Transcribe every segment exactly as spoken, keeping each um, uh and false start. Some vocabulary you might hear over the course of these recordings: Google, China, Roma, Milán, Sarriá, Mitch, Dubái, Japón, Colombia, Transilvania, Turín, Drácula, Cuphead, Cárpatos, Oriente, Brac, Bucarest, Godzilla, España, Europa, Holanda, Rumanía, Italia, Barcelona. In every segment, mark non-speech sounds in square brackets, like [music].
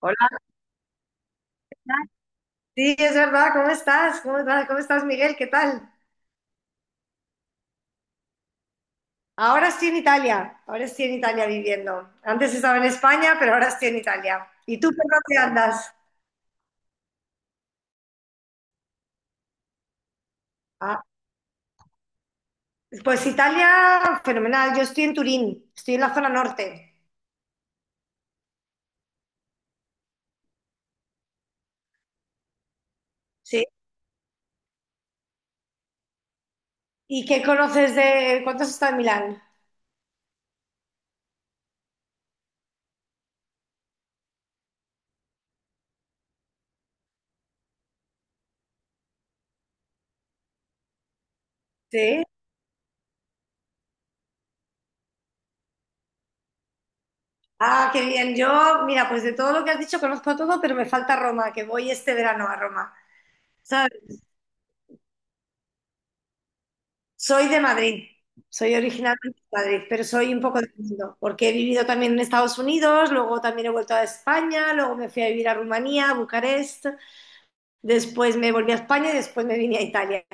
Hola, sí, es verdad, ¿cómo estás? ¿Cómo, va- cómo estás, Miguel? ¿Qué tal? Ahora estoy en Italia, ahora estoy en Italia viviendo. Antes estaba en España, pero ahora estoy en Italia. ¿Y tú por dónde andas? Ah, pues Italia, fenomenal. Yo estoy en Turín, estoy en la zona norte. Sí. ¿Y qué conoces de? ¿Cuánto has estado en Milán? Sí. Ah, qué bien. Yo, mira, pues de todo lo que has dicho conozco todo, pero me falta Roma, que voy este verano a Roma. ¿Sabes? Soy de Madrid, soy originalmente de Madrid, pero soy un poco del mundo, porque he vivido también en Estados Unidos, luego también he vuelto a España, luego me fui a vivir a Rumanía, a Bucarest, después me volví a España y después me vine a Italia.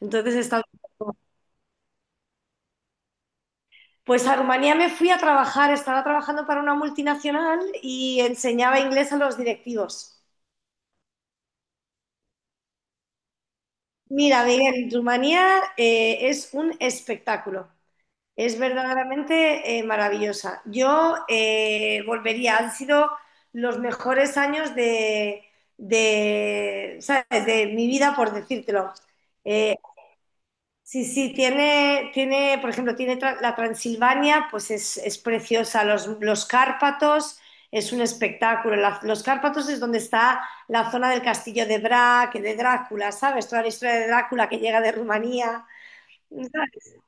Entonces he estado un poco. Pues a Rumanía me fui a trabajar, estaba trabajando para una multinacional y enseñaba inglés a los directivos. Mira, Miguel, Rumanía eh, es un espectáculo. Es verdaderamente eh, maravillosa. Yo eh, volvería, han sido los mejores años de, de, ¿sabes? De mi vida, por decírtelo. Eh, sí, sí, tiene, tiene, por ejemplo, tiene tra- la Transilvania, pues es, es preciosa. Los, los Cárpatos es un espectáculo. La- los Cárpatos es donde está la zona del castillo de Brac, de Drácula, ¿sabes? Toda la historia de Drácula que llega de Rumanía. [laughs]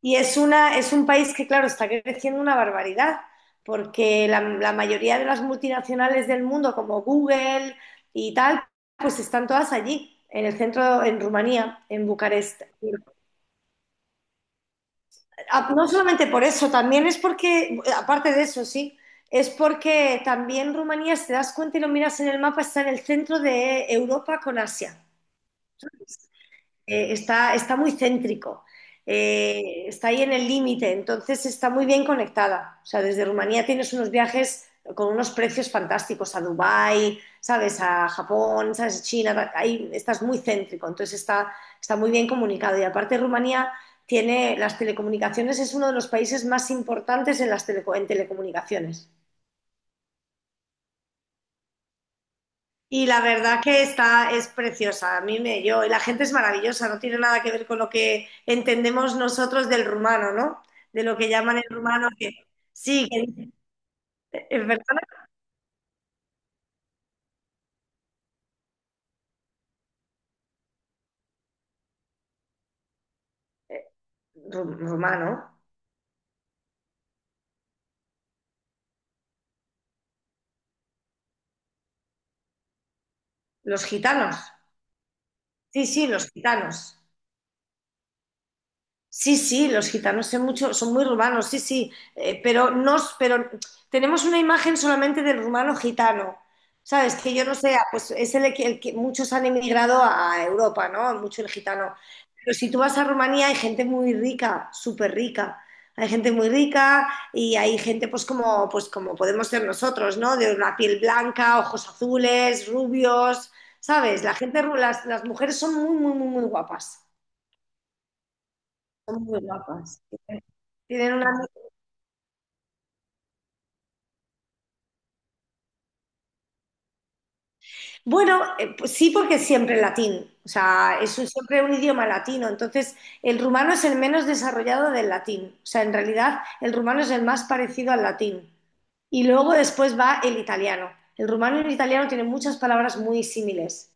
Y es una, es un país que, claro, está creciendo una barbaridad, porque la, la mayoría de las multinacionales del mundo, como Google y tal, pues están todas allí en el centro, en Rumanía, en Bucarest. Ah, no solamente por eso, también es porque, aparte de eso, sí, es porque también Rumanía, si te das cuenta y lo miras en el mapa, está en el centro de Europa con Asia. eh, está, está muy céntrico, eh, está ahí en el límite, entonces está muy bien conectada. O sea, desde Rumanía tienes unos viajes con unos precios fantásticos a Dubái, ¿sabes? A Japón, ¿sabes? China, ahí estás muy céntrico, entonces está, está muy bien comunicado. Y aparte Rumanía tiene las telecomunicaciones, es uno de los países más importantes en, las teleco- en telecomunicaciones. Y la verdad que está, es preciosa, a mí me, yo, y la gente es maravillosa, no tiene nada que ver con lo que entendemos nosotros del rumano, ¿no? De lo que llaman el rumano, que sí, que es verdad, ru- rumano, los gitanos, sí, sí, los gitanos. Sí, sí, los gitanos son mucho, son muy urbanos, sí, sí, eh, pero nos, pero tenemos una imagen solamente del rumano gitano, ¿sabes? Que yo no sé, ah, pues es el, que el que muchos han emigrado a Europa, ¿no? Mucho el gitano. Pero si tú vas a Rumanía hay gente muy rica, súper rica. Hay gente muy rica y hay gente pues como, pues como podemos ser nosotros, ¿no? De una piel blanca, ojos azules, rubios, ¿sabes? La gente, ru- las, las mujeres son muy, muy, muy, muy guapas. Son muy guapas. Tienen una. Bueno, eh, pues sí, porque es siempre latín, o sea, es un siempre un idioma latino, entonces el rumano es el menos desarrollado del latín, o sea, en realidad el rumano es el más parecido al latín. Y luego después va el italiano. El rumano y el italiano tienen muchas palabras muy similares.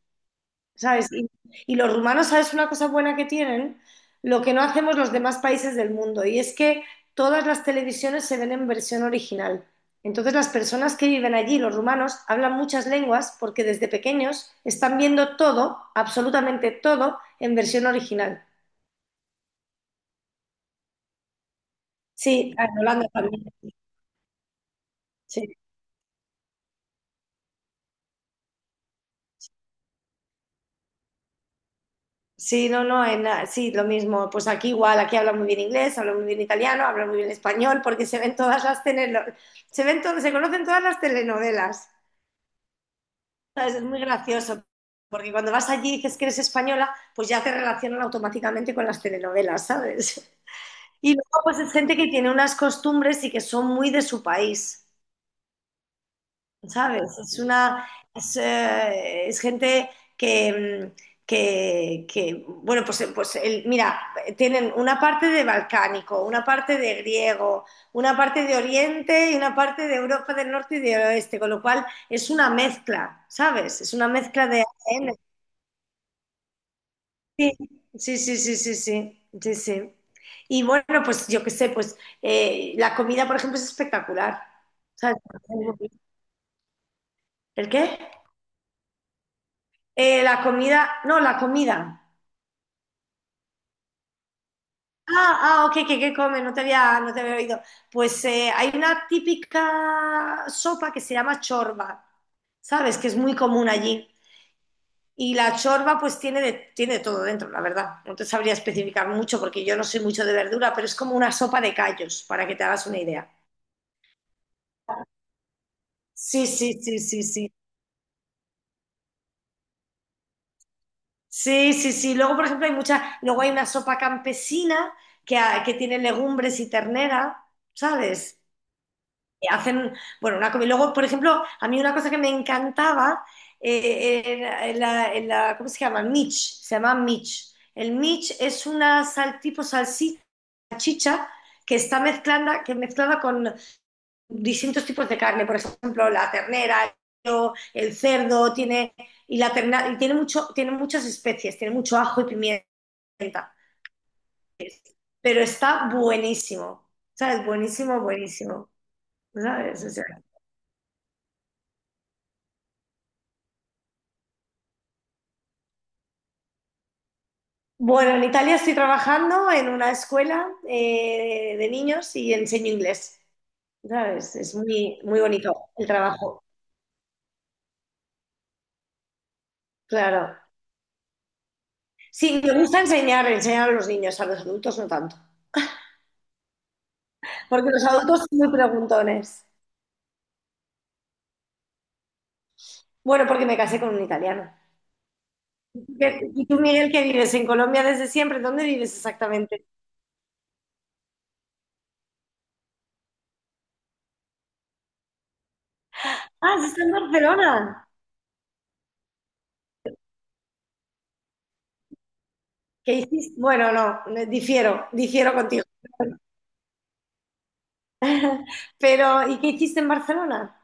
¿Sabes? Y, y los rumanos, ¿sabes una cosa buena que tienen? Lo que no hacemos los demás países del mundo, y es que todas las televisiones se ven en versión original. Entonces las personas que viven allí, los rumanos, hablan muchas lenguas porque desde pequeños están viendo todo, absolutamente todo, en versión original. Sí, ah, en Holanda también. Sí, sí, no, no, en, ah, sí, lo mismo. Pues aquí igual, aquí hablan muy bien inglés, hablan muy bien italiano, hablan muy bien español, porque se ven todas las telenovelas, se ven todo- se conocen todas las telenovelas. ¿Sabes? Es muy gracioso, porque cuando vas allí y dices que eres española, pues ya te relacionan automáticamente con las telenovelas, ¿sabes? [laughs] Y luego, pues es gente que tiene unas costumbres y que son muy de su país, ¿sabes? Es una, es, eh, es gente que, mm, que, que, bueno, pues, eh, pues el mira, tienen una parte de balcánico, una parte de griego, una parte de Oriente y una parte de Europa del Norte y del Oeste, con lo cual es una mezcla, ¿sabes? Es una mezcla de A D N. Sí, sí, sí, sí, sí, sí, sí, sí. Y bueno, pues yo qué sé, pues eh, la comida, por ejemplo, es espectacular. ¿Sabes? ¿El qué? Eh, la comida, no, la comida. Ah, ah, ok, ¿qué, qué come? No te había, no te había oído. Pues eh, hay una típica sopa que se llama chorba, ¿sabes? Que es muy común allí. Y la chorba pues tiene de, tiene de todo dentro, la verdad. No te sabría especificar mucho porque yo no soy mucho de verdura, pero es como una sopa de callos, para que te hagas una idea. Sí, sí, sí, sí, sí. Sí, sí, sí. Luego, por ejemplo, hay muchas, luego hay una sopa campesina que, ha- que tiene legumbres y ternera, ¿sabes? Y hacen, bueno, una comida. Luego, por ejemplo, a mí una cosa que me encantaba, eh, era en la, en la- ¿cómo se llama? Mitch, se llama Mitch. El Mitch es una sal, tipo salchicha que está mezclada, que mezclada con, distintos tipos de carne, por ejemplo, la ternera, el cerdo, tiene, y, la terna- y tiene, mucho, tiene muchas especies, tiene mucho ajo y pimienta, pero está buenísimo, ¿sabes? Buenísimo, buenísimo, ¿sabes? O sea, bueno, en Italia estoy trabajando en una escuela eh, de niños y enseño inglés, ¿sabes? Es muy, muy bonito el trabajo, claro. Sí, me gusta enseñar, enseñar a los niños, a los adultos no tanto, porque los adultos son muy preguntones. Bueno, porque me casé con un italiano. ¿Qué- ¿Y tú, Miguel, que vives en Colombia desde siempre? ¿Dónde vives exactamente? Ah, ¿estás en Barcelona? ¿Qué hiciste? Bueno, no, me- difiero, difiero contigo. Pero, ¿y qué hiciste en Barcelona?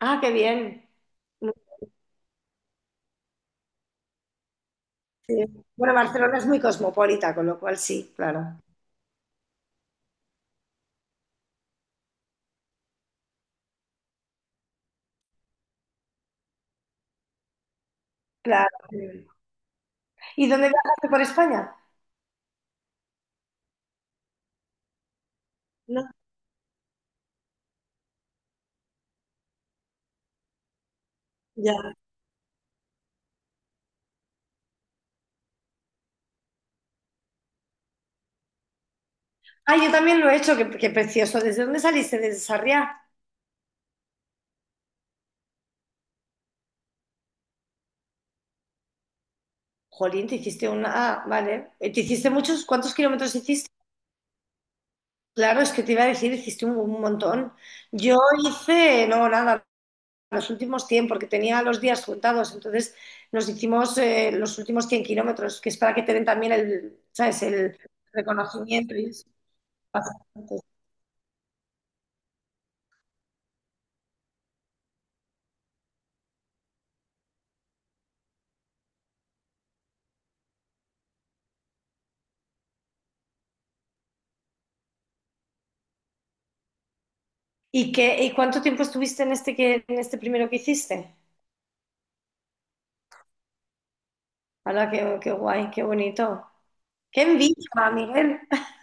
Ah, qué bien. Muy bien. Bueno, Barcelona es muy cosmopolita, con lo cual sí, claro. Claro. ¿Y dónde viajaste por España? No, ya. Ah, yo también lo he hecho, qué, qué precioso. ¿Desde dónde saliste? ¿Desde Sarriá? Jolín, te hiciste una. Ah, vale. ¿Te hiciste muchos? ¿Cuántos kilómetros hiciste? Claro, es que te iba a decir, hiciste un, un montón. Yo hice, no, nada, los últimos cien porque tenía los días juntados, entonces nos hicimos eh, los últimos cien kilómetros, que es para que te den también el, ¿sabes? El reconocimiento y eso. Bastante. ¿Y, qué, y cuánto tiempo estuviste en este, que, en este primero que hiciste? Hala, qué, qué guay, qué bonito. ¡Qué envidia, Miguel! [laughs]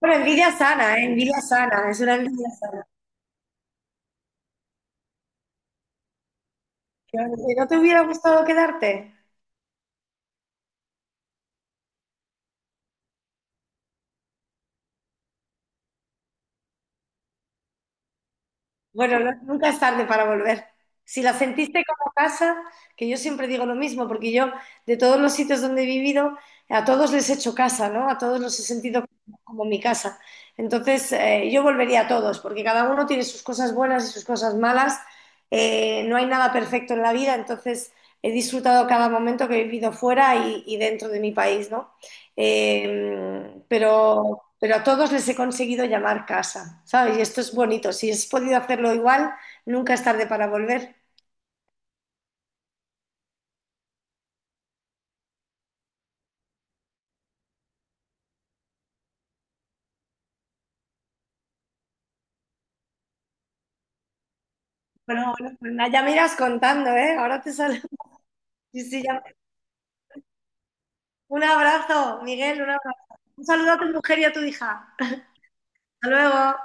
Bueno, envidia sana, ¿eh? Envidia sana, es una envidia sana. ¿Que no te hubiera gustado quedarte? Bueno, no- nunca es tarde para volver. Si la sentiste como casa, que yo siempre digo lo mismo, porque yo de todos los sitios donde he vivido, a todos les he hecho casa, ¿no? A todos los he sentido como como mi casa. Entonces, eh, yo volvería a todos, porque cada uno tiene sus cosas buenas y sus cosas malas. Eh, no hay nada perfecto en la vida, entonces he disfrutado cada momento que he vivido fuera y, y dentro de mi país, ¿no? Eh, pero, pero a todos les he conseguido llamar casa, ¿sabes? Y esto es bonito. Si has podido hacerlo igual, nunca es tarde para volver. Bueno, bueno, pues nada, ya me irás contando, ¿eh? Ahora te saludo. [laughs] Sí, sí, ya- un abrazo, Miguel, un abrazo. Un saludo a tu mujer y a tu hija. Hasta luego.